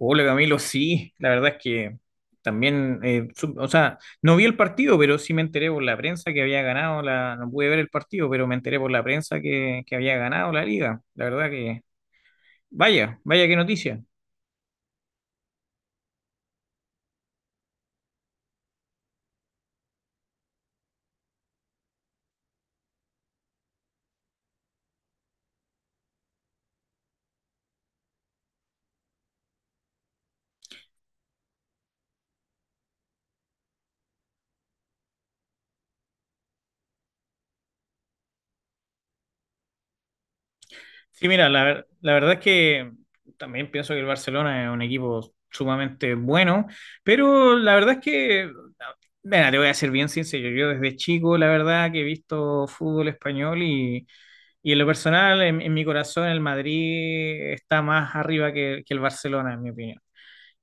Hola Camilo, sí, la verdad es que también, no vi el partido, pero sí me enteré por la prensa que había ganado no pude ver el partido, pero me enteré por la prensa que había ganado la liga. La verdad que, vaya qué noticia. Sí, mira, la verdad es que también pienso que el Barcelona es un equipo sumamente bueno, pero la verdad es que, mira, te voy a ser bien sincero, yo desde chico, la verdad que he visto fútbol español. Y en lo personal, en mi corazón, el Madrid está más arriba que el Barcelona, en mi opinión.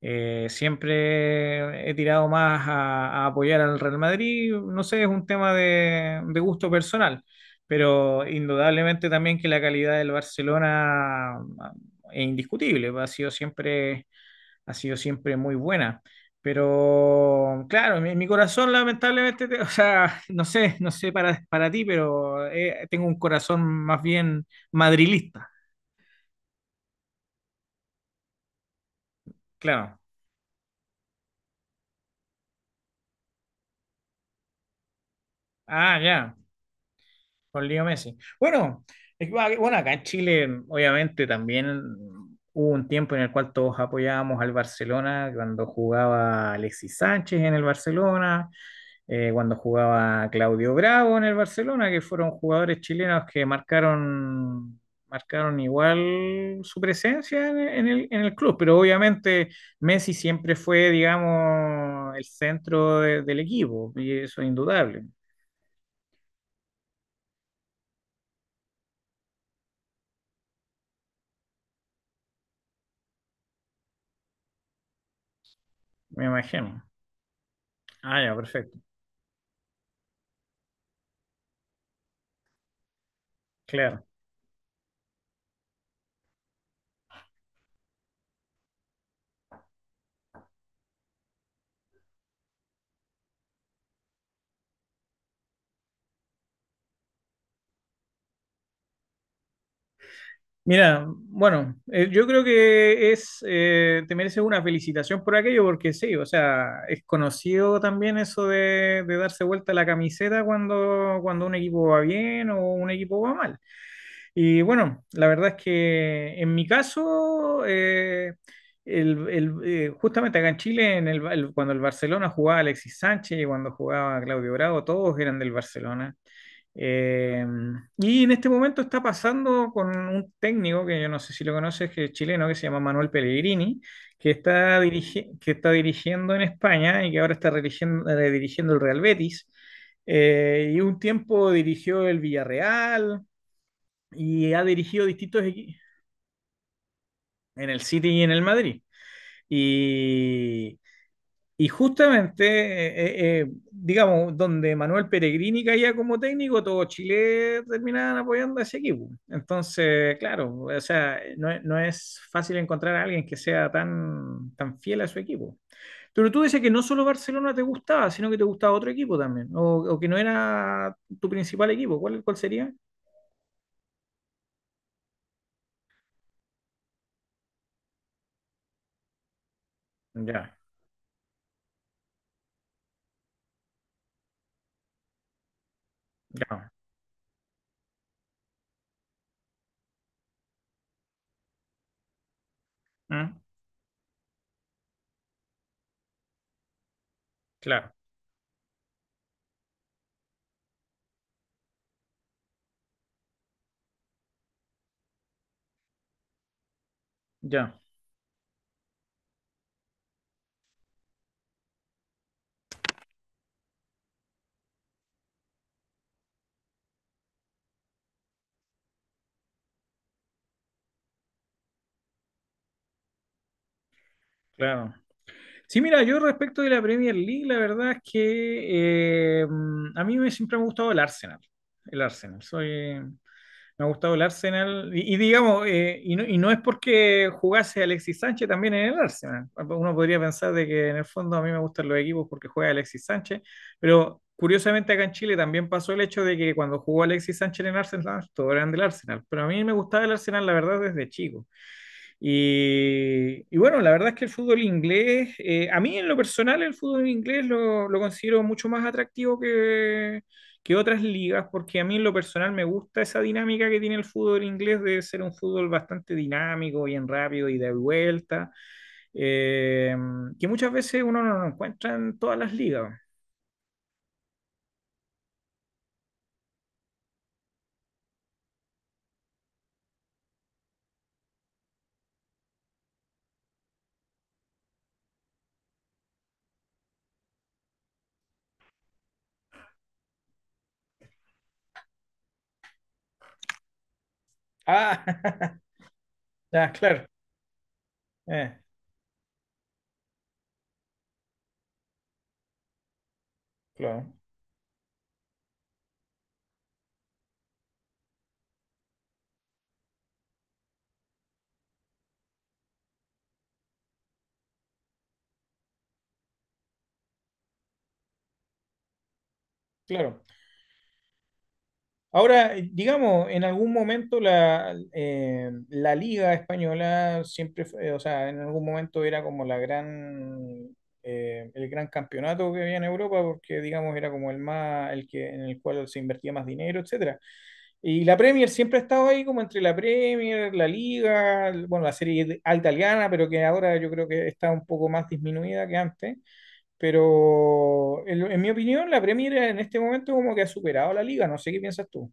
Siempre he tirado más a apoyar al Real Madrid, no sé, es un tema de gusto personal, pero indudablemente también que la calidad del Barcelona es indiscutible, ha sido siempre muy buena. Pero claro, mi corazón lamentablemente, o sea, no sé, no sé para ti, pero tengo un corazón más bien madrilista, claro. Ah, ya. Con Leo Messi. Bueno, es que, bueno, acá en Chile, obviamente, también hubo un tiempo en el cual todos apoyábamos al Barcelona, cuando jugaba Alexis Sánchez en el Barcelona, cuando jugaba Claudio Bravo en el Barcelona, que fueron jugadores chilenos que marcaron, marcaron igual su presencia en, en el club, pero obviamente Messi siempre fue, digamos, del equipo, y eso es indudable, me imagino. Ah, ya, perfecto, claro. Mira, bueno, yo creo que te mereces una felicitación por aquello, porque sí, o sea, es conocido también eso de darse vuelta la camiseta cuando, cuando un equipo va bien o un equipo va mal. Y bueno, la verdad es que en mi caso, justamente acá en Chile, cuando el Barcelona jugaba Alexis Sánchez y cuando jugaba Claudio Bravo, todos eran del Barcelona. Eh, y en este momento está pasando con un técnico que yo no sé si lo conoces, que es chileno, que se llama Manuel Pellegrini, que está dirigiendo en España y que ahora está dirigiendo el Real Betis. Y un tiempo dirigió el Villarreal y ha dirigido distintos equipos en el City y en el Madrid. Y, y justamente, digamos, donde Manuel Peregrini caía como técnico, todo Chile terminaban apoyando a ese equipo. Entonces, claro, o sea, no, no es fácil encontrar a alguien que sea tan, tan fiel a su equipo. Pero tú dices que no solo Barcelona te gustaba, sino que te gustaba otro equipo también, o que no era tu principal equipo. ¿Cuál, cuál sería? Ya, ya. Ah, claro, ya, claro. Sí, mira, yo respecto de la Premier League, la verdad es que a siempre me ha gustado el Arsenal. El Arsenal. Soy, me ha gustado el Arsenal. Y digamos, no, y no es porque jugase Alexis Sánchez también en el Arsenal. Uno podría pensar de que en el fondo a mí me gustan los equipos porque juega Alexis Sánchez. Pero curiosamente acá en Chile también pasó el hecho de que cuando jugó Alexis Sánchez en Arsenal, todos eran del Arsenal. Pero a mí me gustaba el Arsenal, la verdad, desde chico. Y bueno, la verdad es que el fútbol inglés, a mí en lo personal el fútbol inglés lo considero mucho más atractivo que otras ligas, porque a mí en lo personal me gusta esa dinámica que tiene el fútbol inglés de ser un fútbol bastante dinámico, bien rápido y de vuelta, eh, que muchas veces uno no lo encuentra en todas las ligas. Ah, ah, claro, eh, claro, claro. Ahora, digamos, en algún momento la Liga Española siempre fue, o sea, en algún momento era como la gran, el gran campeonato que había en Europa, porque digamos era como el más, el que, en el cual se invertía más dinero, etcétera. Y la Premier siempre ha estado ahí como entre la Premier, bueno, A italiana, pero que ahora yo creo que está un poco más disminuida que antes. Pero en mi opinión, la Premier en este momento como que ha superado a la Liga. No sé qué piensas tú.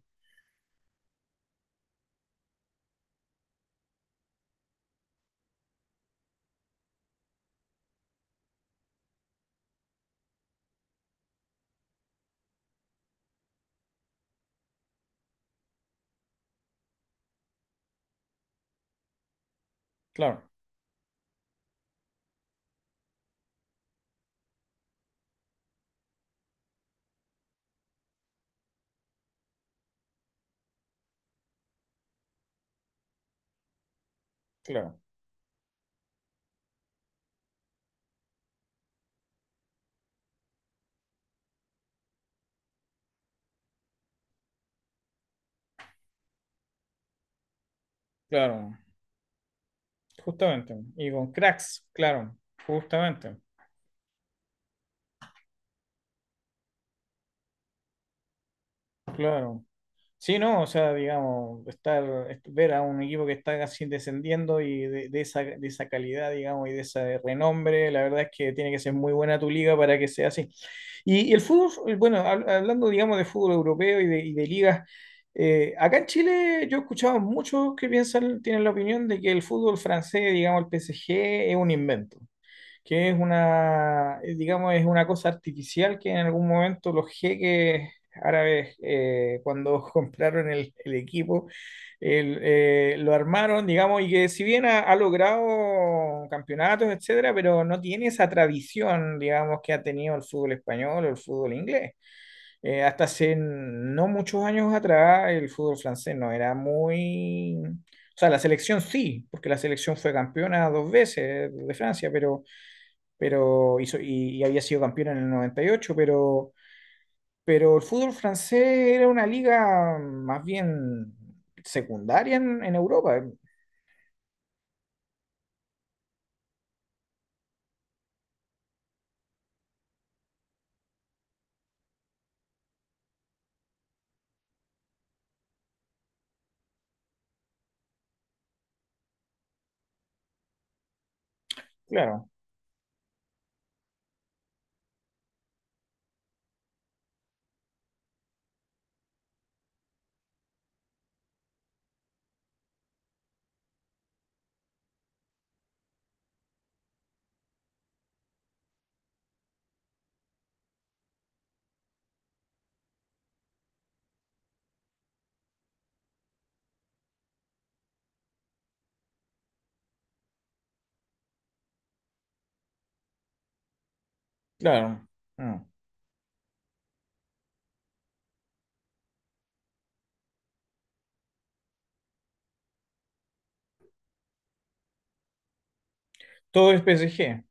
Claro, claro, claro, justamente. Y con cracks, claro, justamente, claro. Sí, no, o sea, digamos, ver a un equipo que está casi descendiendo de esa calidad, digamos, y de ese renombre, la verdad es que tiene que ser muy buena tu liga para que sea así. Y el fútbol, bueno, hablando, digamos, de fútbol europeo y de ligas, acá en Chile yo he escuchado muchos que piensan, tienen la opinión de que el fútbol francés, digamos, el PSG, es un invento, que es una, digamos, es una cosa artificial que en algún momento los jeques árabes, cuando compraron el equipo, lo armaron, digamos, y que si bien ha logrado campeonatos, etcétera, pero no tiene esa tradición, digamos, que ha tenido el fútbol español o el fútbol inglés. Hasta hace no muchos años atrás, el fútbol francés no era muy... O sea, la selección sí, porque la selección fue campeona dos veces de Francia, pero hizo, y había sido campeón en el 98, pero el fútbol francés era una liga más bien secundaria en Europa, claro, claro. Mm. Todo es PSG.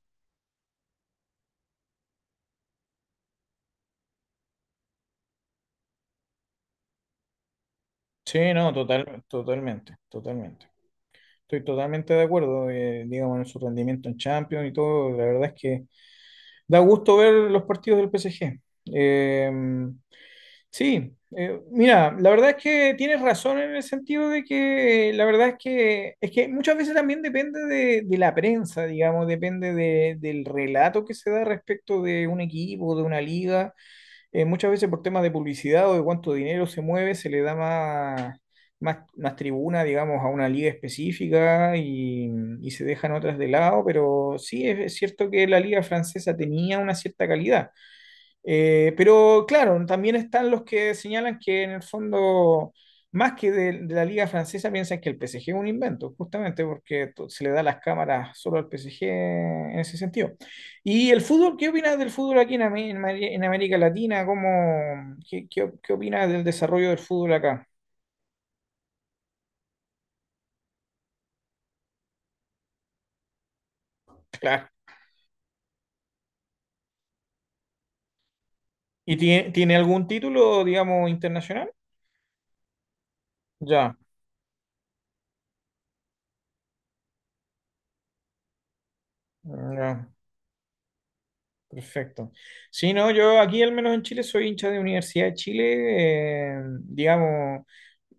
Sí, no, total, totalmente, totalmente. Estoy totalmente de acuerdo, digamos, en su rendimiento en Champions y todo. La verdad es que da gusto ver los partidos del PSG. Eh, Sí, mira, la verdad es que tienes razón en el sentido de que la verdad es que muchas veces también depende de la prensa, digamos, del relato que se da respecto de un equipo, de una liga. Muchas veces por temas de publicidad o de cuánto dinero se mueve, se le da más tribuna, digamos, a una liga específica y se dejan otras de lado, pero sí es cierto que la liga francesa tenía una cierta calidad. Pero claro, también están los que señalan que en el fondo, más de la liga francesa, piensan que el PSG es un invento, justamente porque se le da las cámaras solo al PSG en ese sentido. ¿Y el fútbol? ¿Qué opinas del fútbol aquí en América Latina? ¿Cómo, qué opinas del desarrollo del fútbol acá? Claro. ¿Y tiene, tiene algún título, digamos, internacional? Ya, ya. Perfecto. Sí, no, yo aquí al menos en Chile soy hincha de Universidad de Chile, digamos,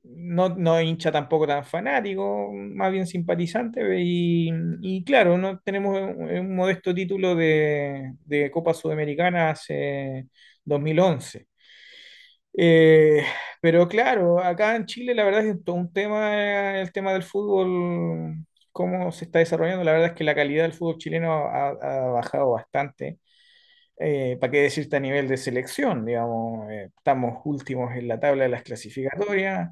no, no hincha tampoco tan fanático, más bien simpatizante, y claro, no tenemos un modesto título de Copa Sudamericana hace 2011. Eh, pero claro, acá en Chile la verdad es que todo un tema, el tema del fútbol, cómo se está desarrollando, la verdad es que la calidad del fútbol chileno ha ha bajado bastante. ¿Para qué decirte a nivel de selección? Digamos, estamos últimos en la tabla de las clasificatorias,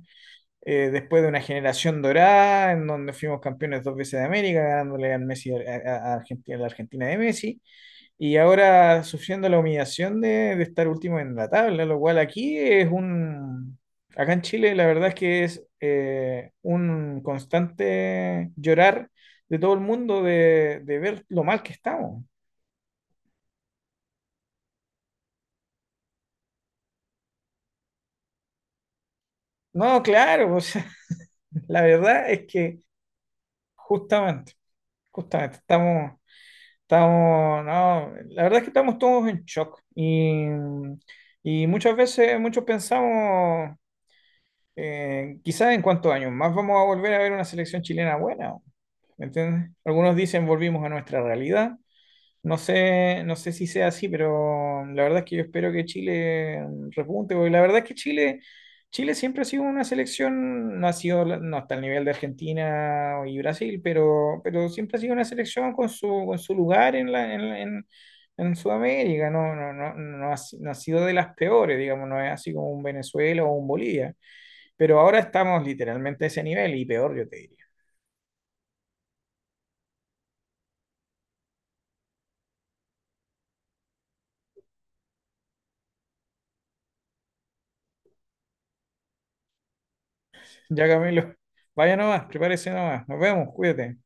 después de una generación dorada en donde fuimos campeones dos veces de América, ganándole al Messi, a Argentina, a la Argentina de Messi, y ahora sufriendo la humillación de estar último en la tabla, lo cual aquí es un... Acá en Chile la verdad es que es un constante llorar de todo el mundo de ver lo mal que estamos. No, claro, o sea, la verdad es que justamente, justamente, estamos, estamos, no, la verdad es que estamos todos en shock y muchas veces, muchos pensamos, quizás en cuántos años más vamos a volver a ver una selección chilena buena, ¿me entiendes? Algunos dicen volvimos a nuestra realidad, no sé, no sé si sea así, pero la verdad es que yo espero que Chile repunte, porque la verdad es que Chile, Chile siempre ha sido una selección, no ha sido, no hasta el nivel de Argentina y Brasil, pero siempre ha sido una selección con su lugar en en Sudamérica, no, no, no, no ha, no ha sido de las peores, digamos, no es así como un Venezuela o un Bolivia, pero ahora estamos literalmente a ese nivel y peor, yo te diría. Ya, Camilo, vaya nomás, prepárese nomás, nos vemos, cuídate.